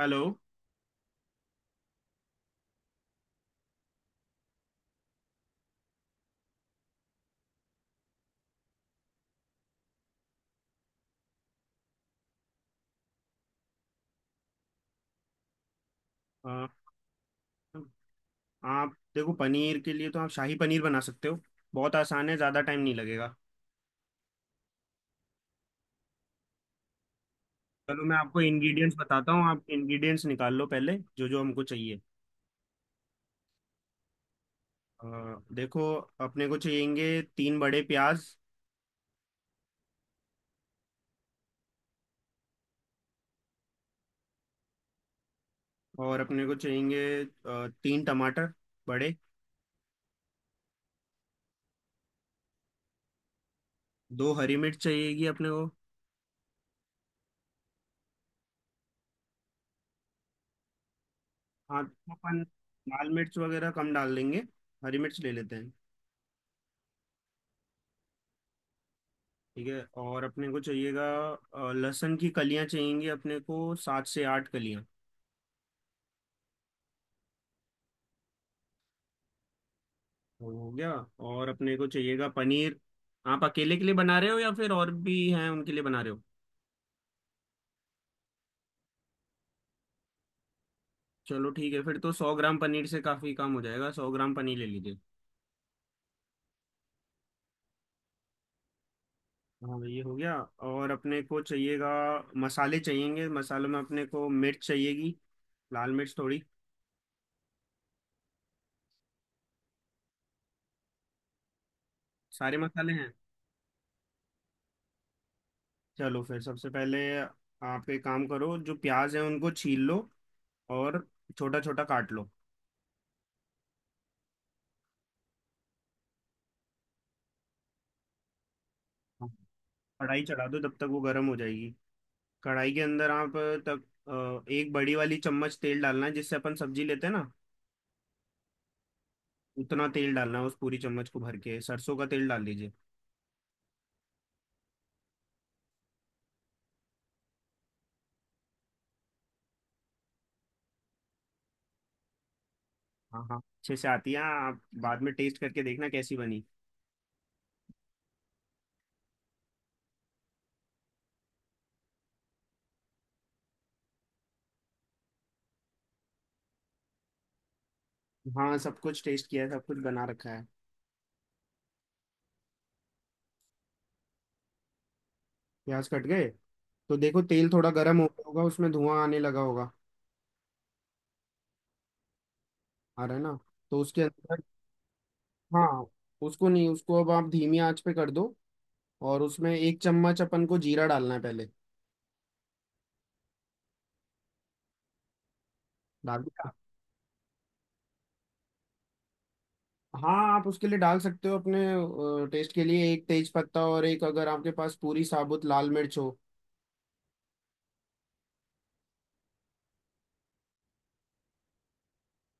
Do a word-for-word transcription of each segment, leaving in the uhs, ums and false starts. Hello. अ, आप देखो पनीर के लिए तो आप शाही पनीर बना सकते हो। बहुत आसान है, ज़्यादा टाइम नहीं लगेगा। चलो मैं आपको इंग्रेडिएंट्स बताता हूँ, आप इंग्रेडिएंट्स निकाल लो पहले जो जो हमको चाहिए। अ, देखो, अपने को चाहिएंगे तीन बड़े प्याज। और अपने को चाहिएंगे अ, तीन टमाटर बड़े। दो हरी मिर्च चाहिएगी अपने को। हाँ तो अपन लाल मिर्च वगैरह कम डाल देंगे, हरी मिर्च ले लेते हैं। ठीक है, और अपने को चाहिएगा अ, लहसुन की कलियाँ चाहिएंगी अपने को, सात से आठ कलियाँ। वो हो गया। और अपने को चाहिएगा पनीर। आप अकेले के लिए बना रहे हो या फिर और भी हैं उनके लिए बना रहे हो? चलो ठीक है, फिर तो सौ ग्राम पनीर से काफी काम हो जाएगा, सौ ग्राम पनीर ले लीजिए। हाँ, ये हो गया। और अपने को चाहिएगा मसाले, चाहिएंगे मसालों में। अपने को मिर्च चाहिएगी, लाल मिर्च थोड़ी। सारे मसाले हैं। चलो फिर सबसे पहले आप एक काम करो, जो प्याज है उनको छील लो, और छोटा छोटा काट लो। हाँ। कढ़ाई चढ़ा दो तब तक वो गर्म हो जाएगी। कढ़ाई के अंदर आप तब अ, एक बड़ी वाली चम्मच तेल डालना है, जिससे अपन सब्जी लेते हैं ना, उतना तेल डालना है, उस पूरी चम्मच को भर के सरसों का तेल डाल दीजिए। हाँ हाँ अच्छे से आती है, आप बाद में टेस्ट करके देखना कैसी बनी। हाँ सब कुछ टेस्ट किया है, सब कुछ बना रखा है। प्याज कट गए। तो देखो तेल थोड़ा गर्म हो गया होगा, उसमें धुआं आने लगा होगा। आ रहा है ना? तो उसके अंदर। हाँ, उसको नहीं, उसको अब आप धीमी आंच पे कर दो, और उसमें एक चम्मच अपन को जीरा डालना है पहले। डाल दिया? हाँ आप उसके लिए डाल सकते हो अपने टेस्ट के लिए एक तेज पत्ता, और एक अगर आपके पास पूरी साबुत लाल मिर्च हो।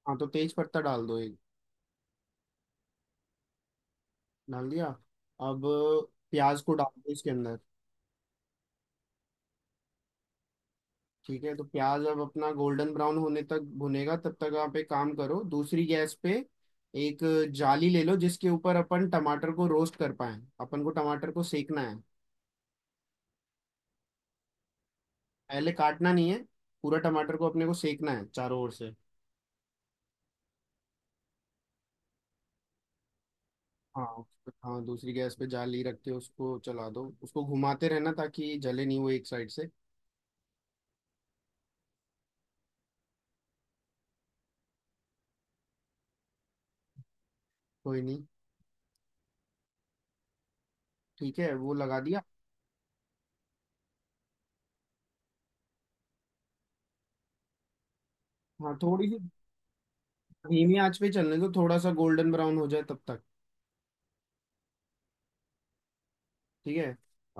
हाँ तो तेज पत्ता डाल दो एक। डाल दिया। अब प्याज को डाल दो इसके अंदर। ठीक है, तो प्याज अब अपना गोल्डन ब्राउन होने तक भुनेगा। तब तक आप एक काम करो, दूसरी गैस पे एक जाली ले लो जिसके ऊपर अपन टमाटर को रोस्ट कर पाए, अपन को टमाटर को सेकना है। पहले काटना नहीं है, पूरा टमाटर को अपने को सेकना है चारों ओर से। हाँ उस- हाँ दूसरी गैस पे जाली रख के उसको चला दो, उसको घुमाते रहना ताकि जले नहीं वो एक साइड से। कोई नहीं। ठीक है वो लगा दिया। हाँ थोड़ी सी धीमी आंच पे चलने दो, थोड़ा सा गोल्डन ब्राउन हो जाए तब तक। ठीक है।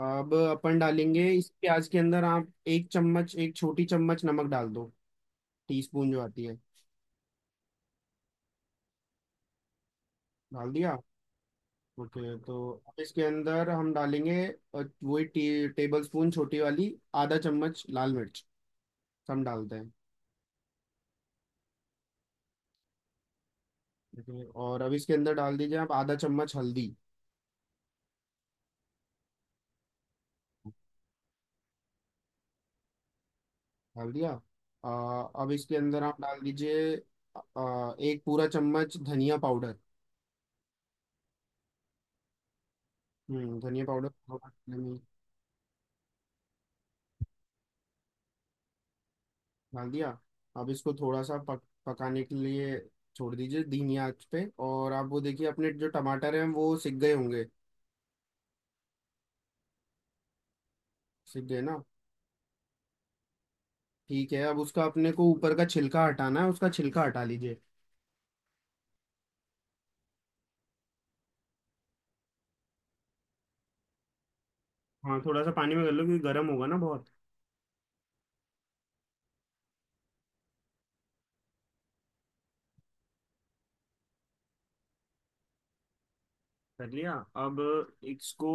अब अपन डालेंगे इस प्याज के अंदर। आप एक चम्मच, एक छोटी चम्मच नमक डाल दो, टीस्पून जो आती है। डाल दिया। ओके, तो अब इसके अंदर हम डालेंगे अ, वही टी, टेबल स्पून छोटी वाली, आधा चम्मच लाल मिर्च हम डालते हैं। देखिए, और अब इसके अंदर डाल दीजिए आप आधा चम्मच हल्दी। डाल दिया। आ, अब इसके अंदर आप डाल दीजिए आ, एक पूरा चम्मच धनिया पाउडर। हम्म धनिया पाउडर थोड़ा सा में। डाल दिया। अब इसको थोड़ा सा पक, पकाने के लिए छोड़ दीजिए धीमी आंच पे, और आप वो देखिए अपने जो टमाटर हैं वो सिक गए होंगे। सिक गए ना? ठीक है, अब उसका अपने को ऊपर का छिलका हटाना है, उसका छिलका हटा लीजिए। हाँ थोड़ा सा पानी में कर लो क्योंकि गर्म होगा ना बहुत। कर लिया। अब इसको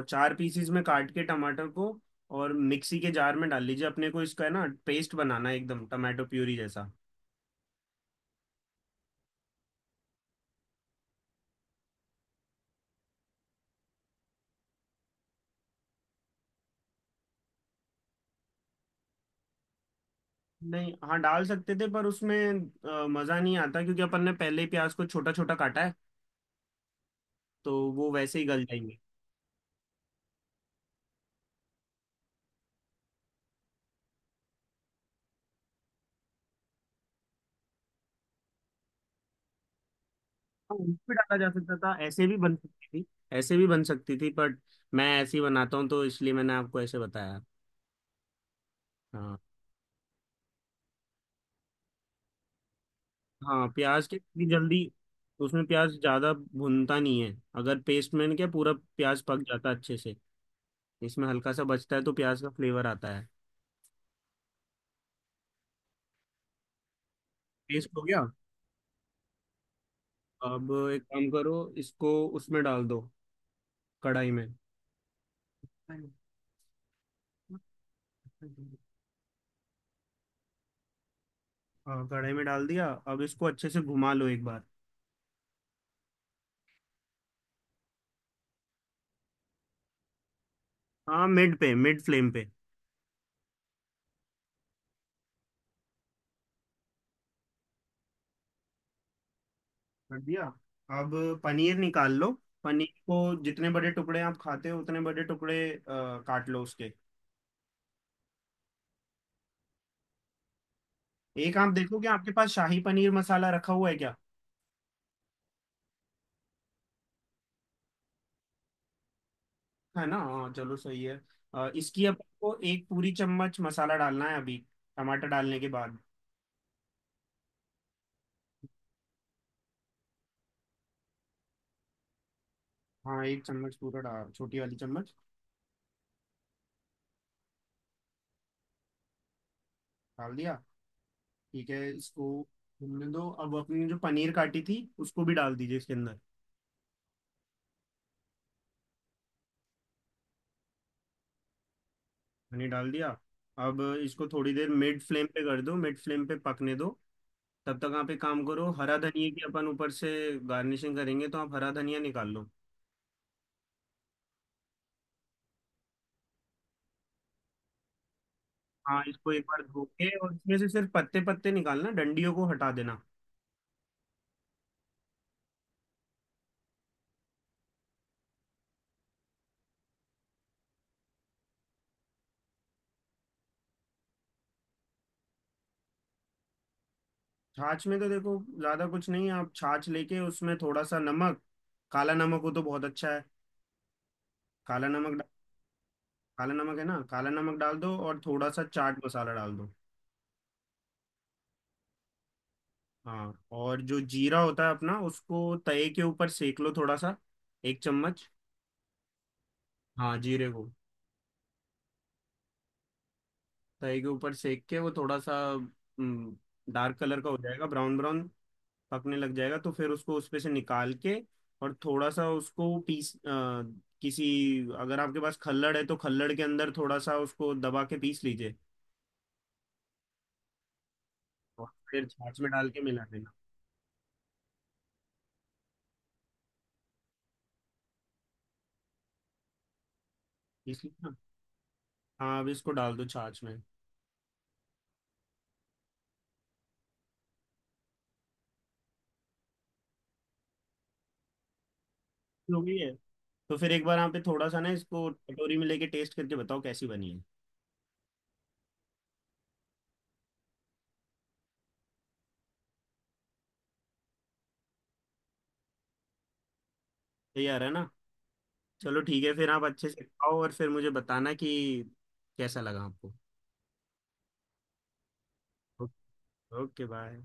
अ, चार पीसीज में काट के टमाटर को, और मिक्सी के जार में डाल लीजिए। अपने को इसका है ना पेस्ट बनाना है, एकदम टमाटो प्यूरी जैसा। नहीं हाँ डाल सकते थे, पर उसमें अ, मज़ा नहीं आता क्योंकि अपन ने पहले ही प्याज को छोटा छोटा काटा है, तो वो वैसे ही गल जाएंगे। हाँ उनको भी डाला जा सकता था, ऐसे भी बन सकती थी। ऐसे भी बन सकती थी, बट मैं ऐसे ही बनाता हूँ, तो इसलिए मैंने आपको ऐसे बताया। हाँ। हाँ प्याज के इतनी जल्दी उसमें प्याज ज़्यादा भुनता नहीं है। अगर पेस्ट में क्या पूरा प्याज पक जाता है अच्छे से, इसमें हल्का सा बचता है तो प्याज का फ्लेवर आता है। पेस्ट हो गया। अब एक काम करो, इसको उसमें डाल दो, कढ़ाई में। हाँ कढ़ाई में डाल दिया, अब इसको अच्छे से घुमा लो एक बार। हाँ, मिड पे, मिड फ्लेम पे। कर दिया। अब पनीर निकाल लो, पनीर को जितने बड़े टुकड़े आप खाते हो उतने बड़े टुकड़े अ, काट लो उसके। एक आप देखो कि आपके पास शाही पनीर मसाला रखा हुआ है क्या। है ना, हाँ चलो सही है। अ, इसकी अब आपको एक पूरी चम्मच मसाला डालना है अभी टमाटर डालने के बाद। हाँ एक चम्मच पूरा डाल, छोटी वाली चम्मच। डाल दिया। ठीक है, इसको घूमने दो, अब अपनी जो पनीर काटी थी उसको भी डाल दीजिए इसके अंदर। पनीर डाल दिया। अब इसको थोड़ी देर मिड फ्लेम पे कर दो, मिड फ्लेम पे पकने दो। तब तक आप एक काम करो, हरा धनिया की अपन ऊपर से गार्निशिंग करेंगे, तो आप हरा धनिया निकाल लो। हाँ इसको एक बार धो के, और इसमें से सिर्फ पत्ते पत्ते निकालना, डंडियों को हटा देना। छाछ में तो देखो ज्यादा कुछ नहीं है, आप छाछ लेके उसमें थोड़ा सा नमक, काला नमक हो तो बहुत अच्छा है। काला नमक डा- काला नमक है ना, काला नमक डाल दो, और थोड़ा सा चाट मसाला डाल दो। हाँ, और जो जीरा होता है अपना, उसको तवे के ऊपर सेक लो थोड़ा सा, एक चम्मच। हाँ जीरे को तवे के ऊपर सेक के वो थोड़ा सा डार्क कलर का हो जाएगा, ब्राउन ब्राउन पकने लग जाएगा, तो फिर उसको उसमें से निकाल के और थोड़ा सा उसको पीस अ, किसी, अगर आपके पास खल्लड़ है तो खल्लड़ के अंदर थोड़ा सा उसको दबा के पीस लीजिए, और फिर छाछ में डाल के मिला देना। पीस लीजिए ना। हाँ अब इसको डाल दो छाछ में। हो गई है, तो फिर एक बार आप पे थोड़ा सा ना इसको कटोरी में लेके टेस्ट करके बताओ कैसी बनी है। तैयार है ना? चलो ठीक है, फिर आप अच्छे से खाओ और फिर मुझे बताना कि कैसा लगा आपको। Okay bye.